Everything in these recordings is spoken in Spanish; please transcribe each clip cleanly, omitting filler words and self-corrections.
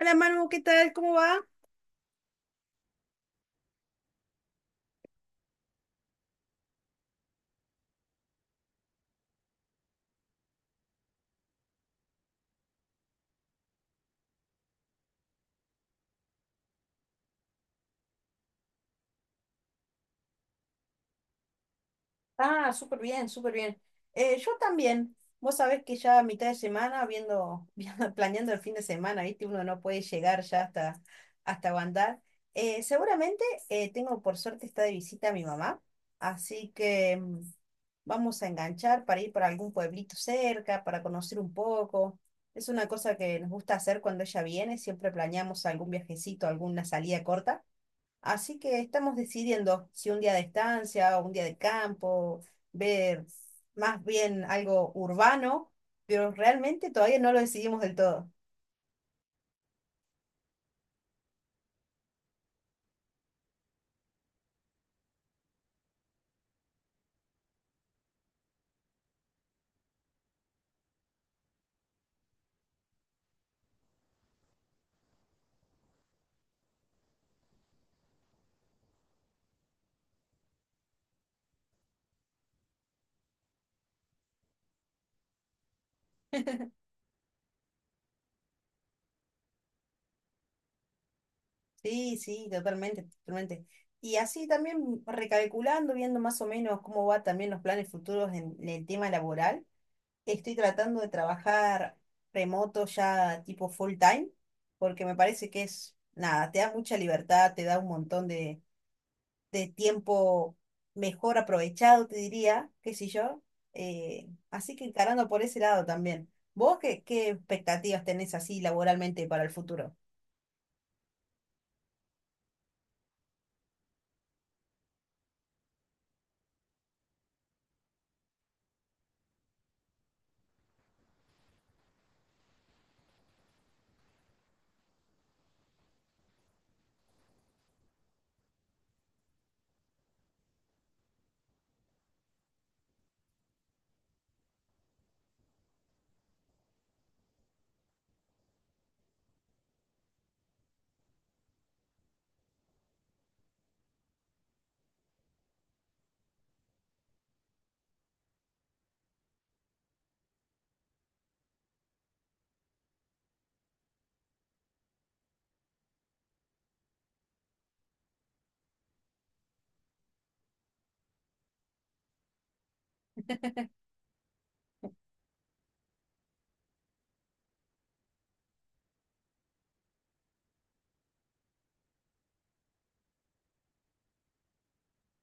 Hola Manu, ¿qué tal? ¿Cómo va? Ah, súper bien, súper bien. Yo también. Vos sabés que ya a mitad de semana, planeando el fin de semana, ¿viste? Uno no puede llegar ya hasta Bandar. Seguramente tengo, por suerte, está de visita mi mamá. Así que vamos a enganchar para ir para algún pueblito cerca, para conocer un poco. Es una cosa que nos gusta hacer cuando ella viene. Siempre planeamos algún viajecito, alguna salida corta. Así que estamos decidiendo si un día de estancia o un día de campo, ver más bien algo urbano, pero realmente todavía no lo decidimos del todo. Sí, sí, totalmente, totalmente. Y así también recalculando, viendo más o menos cómo va también los planes futuros en el tema laboral, estoy tratando de trabajar remoto ya tipo full time, porque me parece que es, nada, te da mucha libertad, te da un montón de tiempo mejor aprovechado, te diría, qué sé yo. Así que encarando por ese lado también. ¿Vos qué expectativas tenés así laboralmente para el futuro?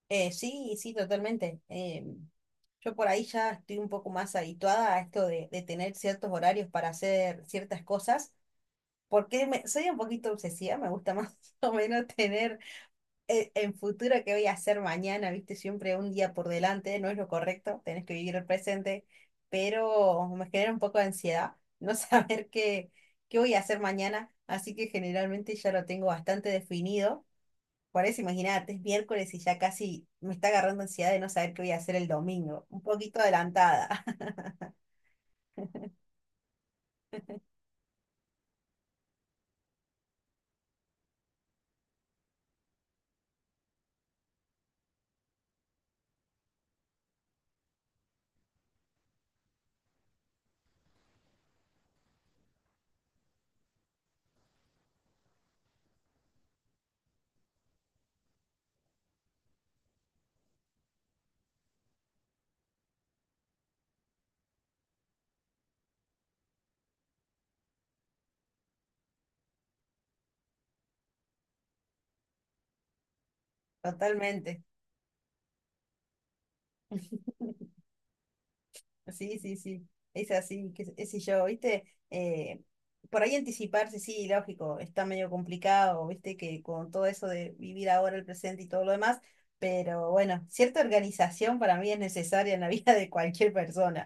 Sí, sí, totalmente. Yo por ahí ya estoy un poco más habituada a esto de tener ciertos horarios para hacer ciertas cosas, porque soy un poquito obsesiva, me gusta más o menos tener en futuro, ¿qué voy a hacer mañana? Viste, siempre un día por delante, no es lo correcto, tenés que vivir el presente, pero me genera un poco de ansiedad no saber qué voy a hacer mañana, así que generalmente ya lo tengo bastante definido. Por eso, imagínate, es miércoles y ya casi me está agarrando ansiedad de no saber qué voy a hacer el domingo. Un poquito adelantada, totalmente. Sí, sí, sí, es así, qué sé yo, ¿viste? Eh, por ahí anticiparse, sí, lógico, está medio complicado, ¿viste? Que con todo eso de vivir ahora el presente y todo lo demás, pero bueno, cierta organización para mí es necesaria en la vida de cualquier persona.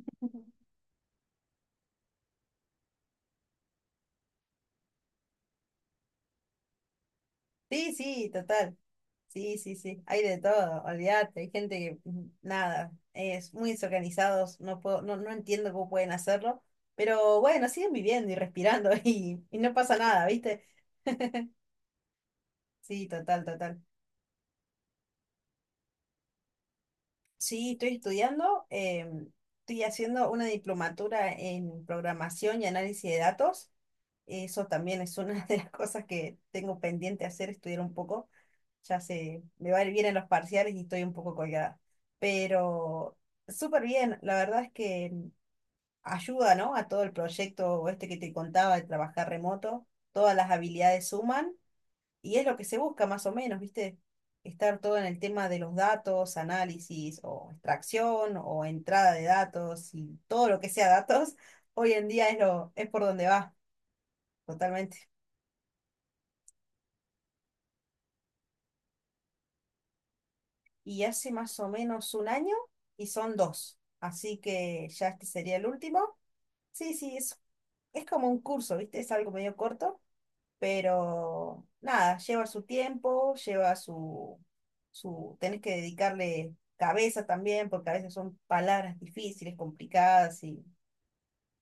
Sí, sí, total. Sí, sí, sí, hay de todo, olvídate, hay gente que, nada, es muy desorganizados, no puedo, no, no entiendo cómo pueden hacerlo, pero bueno, siguen viviendo y respirando y no pasa nada, ¿viste? Sí, total, total. Sí, estoy estudiando, estoy haciendo una diplomatura en programación y análisis de datos. Eso también es una de las cosas que tengo pendiente hacer, estudiar un poco. Ya se me va a ir bien en los parciales y estoy un poco colgada. Pero súper bien, la verdad es que ayuda, ¿no? A todo el proyecto este que te contaba de trabajar remoto. Todas las habilidades suman y es lo que se busca más o menos, ¿viste? Estar todo en el tema de los datos, análisis o extracción o entrada de datos y todo lo que sea datos, hoy en día es lo, es por donde va, totalmente. Y hace más o menos un año y son dos, así que ya este sería el último. Sí, sí, es como un curso, ¿viste? Es algo medio corto pero nada, lleva su tiempo, lleva su, tenés que dedicarle cabeza también, porque a veces son palabras difíciles, complicadas, y,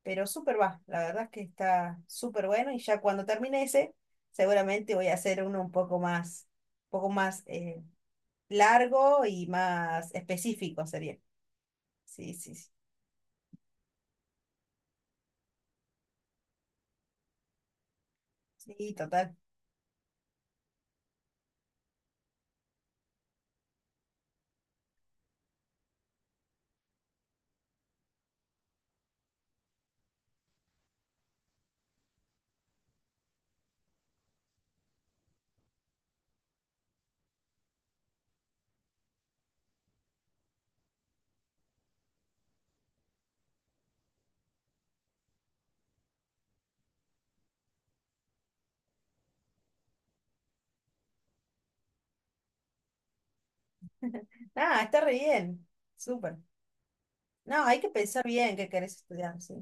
pero súper va, la verdad es que está súper bueno y ya cuando termine ese, seguramente voy a hacer uno un poco más, un poco más eh, largo y más específico sería. Sí, sí, sí, sí, total. Nada, está re bien, súper. No, hay que pensar bien qué querés estudiar, sí.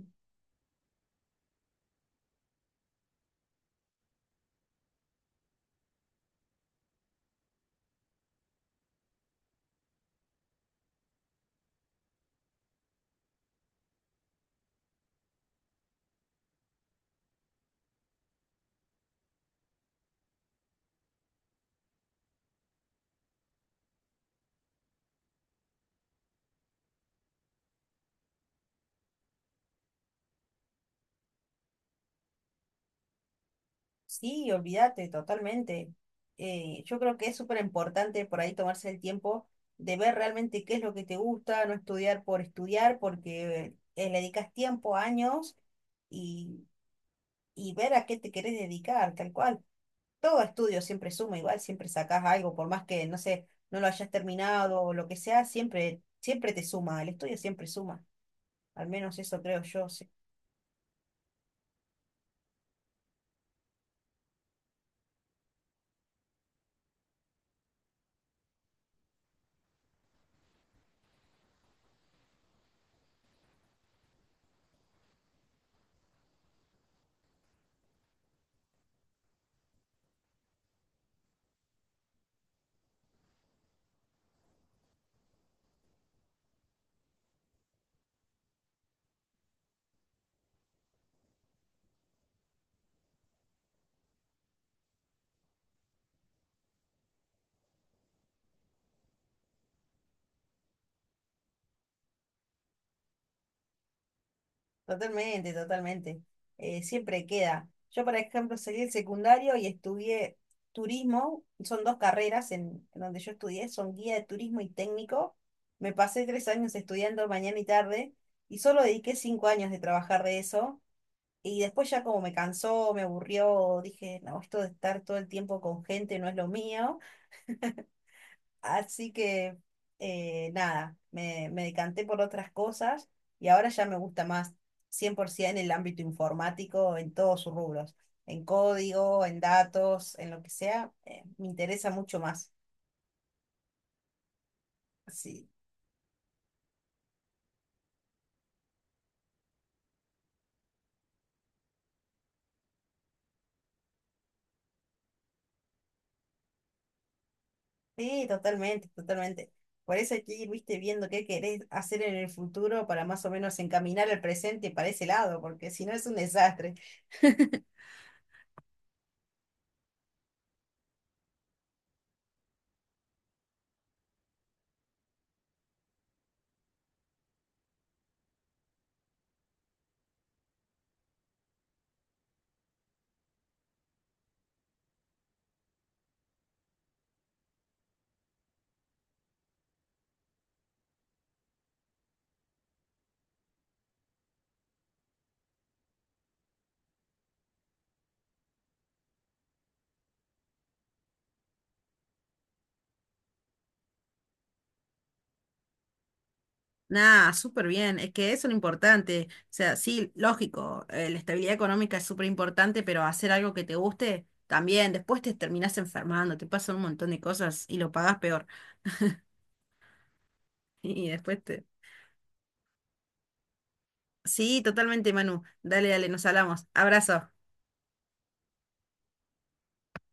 Sí, olvídate, totalmente. Yo creo que es súper importante por ahí tomarse el tiempo de ver realmente qué es lo que te gusta, no estudiar por estudiar, porque le dedicas tiempo, años y, y ver a qué te querés dedicar, tal cual. Todo estudio siempre suma, igual siempre sacás algo, por más que, no sé, no lo hayas terminado o lo que sea, siempre, siempre te suma, el estudio siempre suma. Al menos eso creo yo, sí. Totalmente, totalmente. Siempre queda. Yo, por ejemplo, salí del secundario y estudié turismo. Son dos carreras en donde yo estudié, son guía de turismo y técnico. Me pasé 3 años estudiando mañana y tarde y solo dediqué 5 años de trabajar de eso. Y después ya como me cansó, me aburrió, dije, no, esto de estar todo el tiempo con gente no es lo mío. Así que nada, me decanté por otras cosas y ahora ya me gusta más 100% en el ámbito informático en todos sus rubros, en código, en datos, en lo que sea, me interesa mucho más. Sí, sí, totalmente, totalmente. Por eso hay que ir, viste, viendo qué querés hacer en el futuro para más o menos encaminar el presente para ese lado, porque si no es un desastre. Nah, súper bien, es que eso es lo importante. O sea, sí, lógico, la estabilidad económica es súper importante, pero hacer algo que te guste también. Después te terminás enfermando, te pasan un montón de cosas y lo pagás peor. Y después te... Sí, totalmente, Manu. Dale, dale, nos hablamos. Abrazo.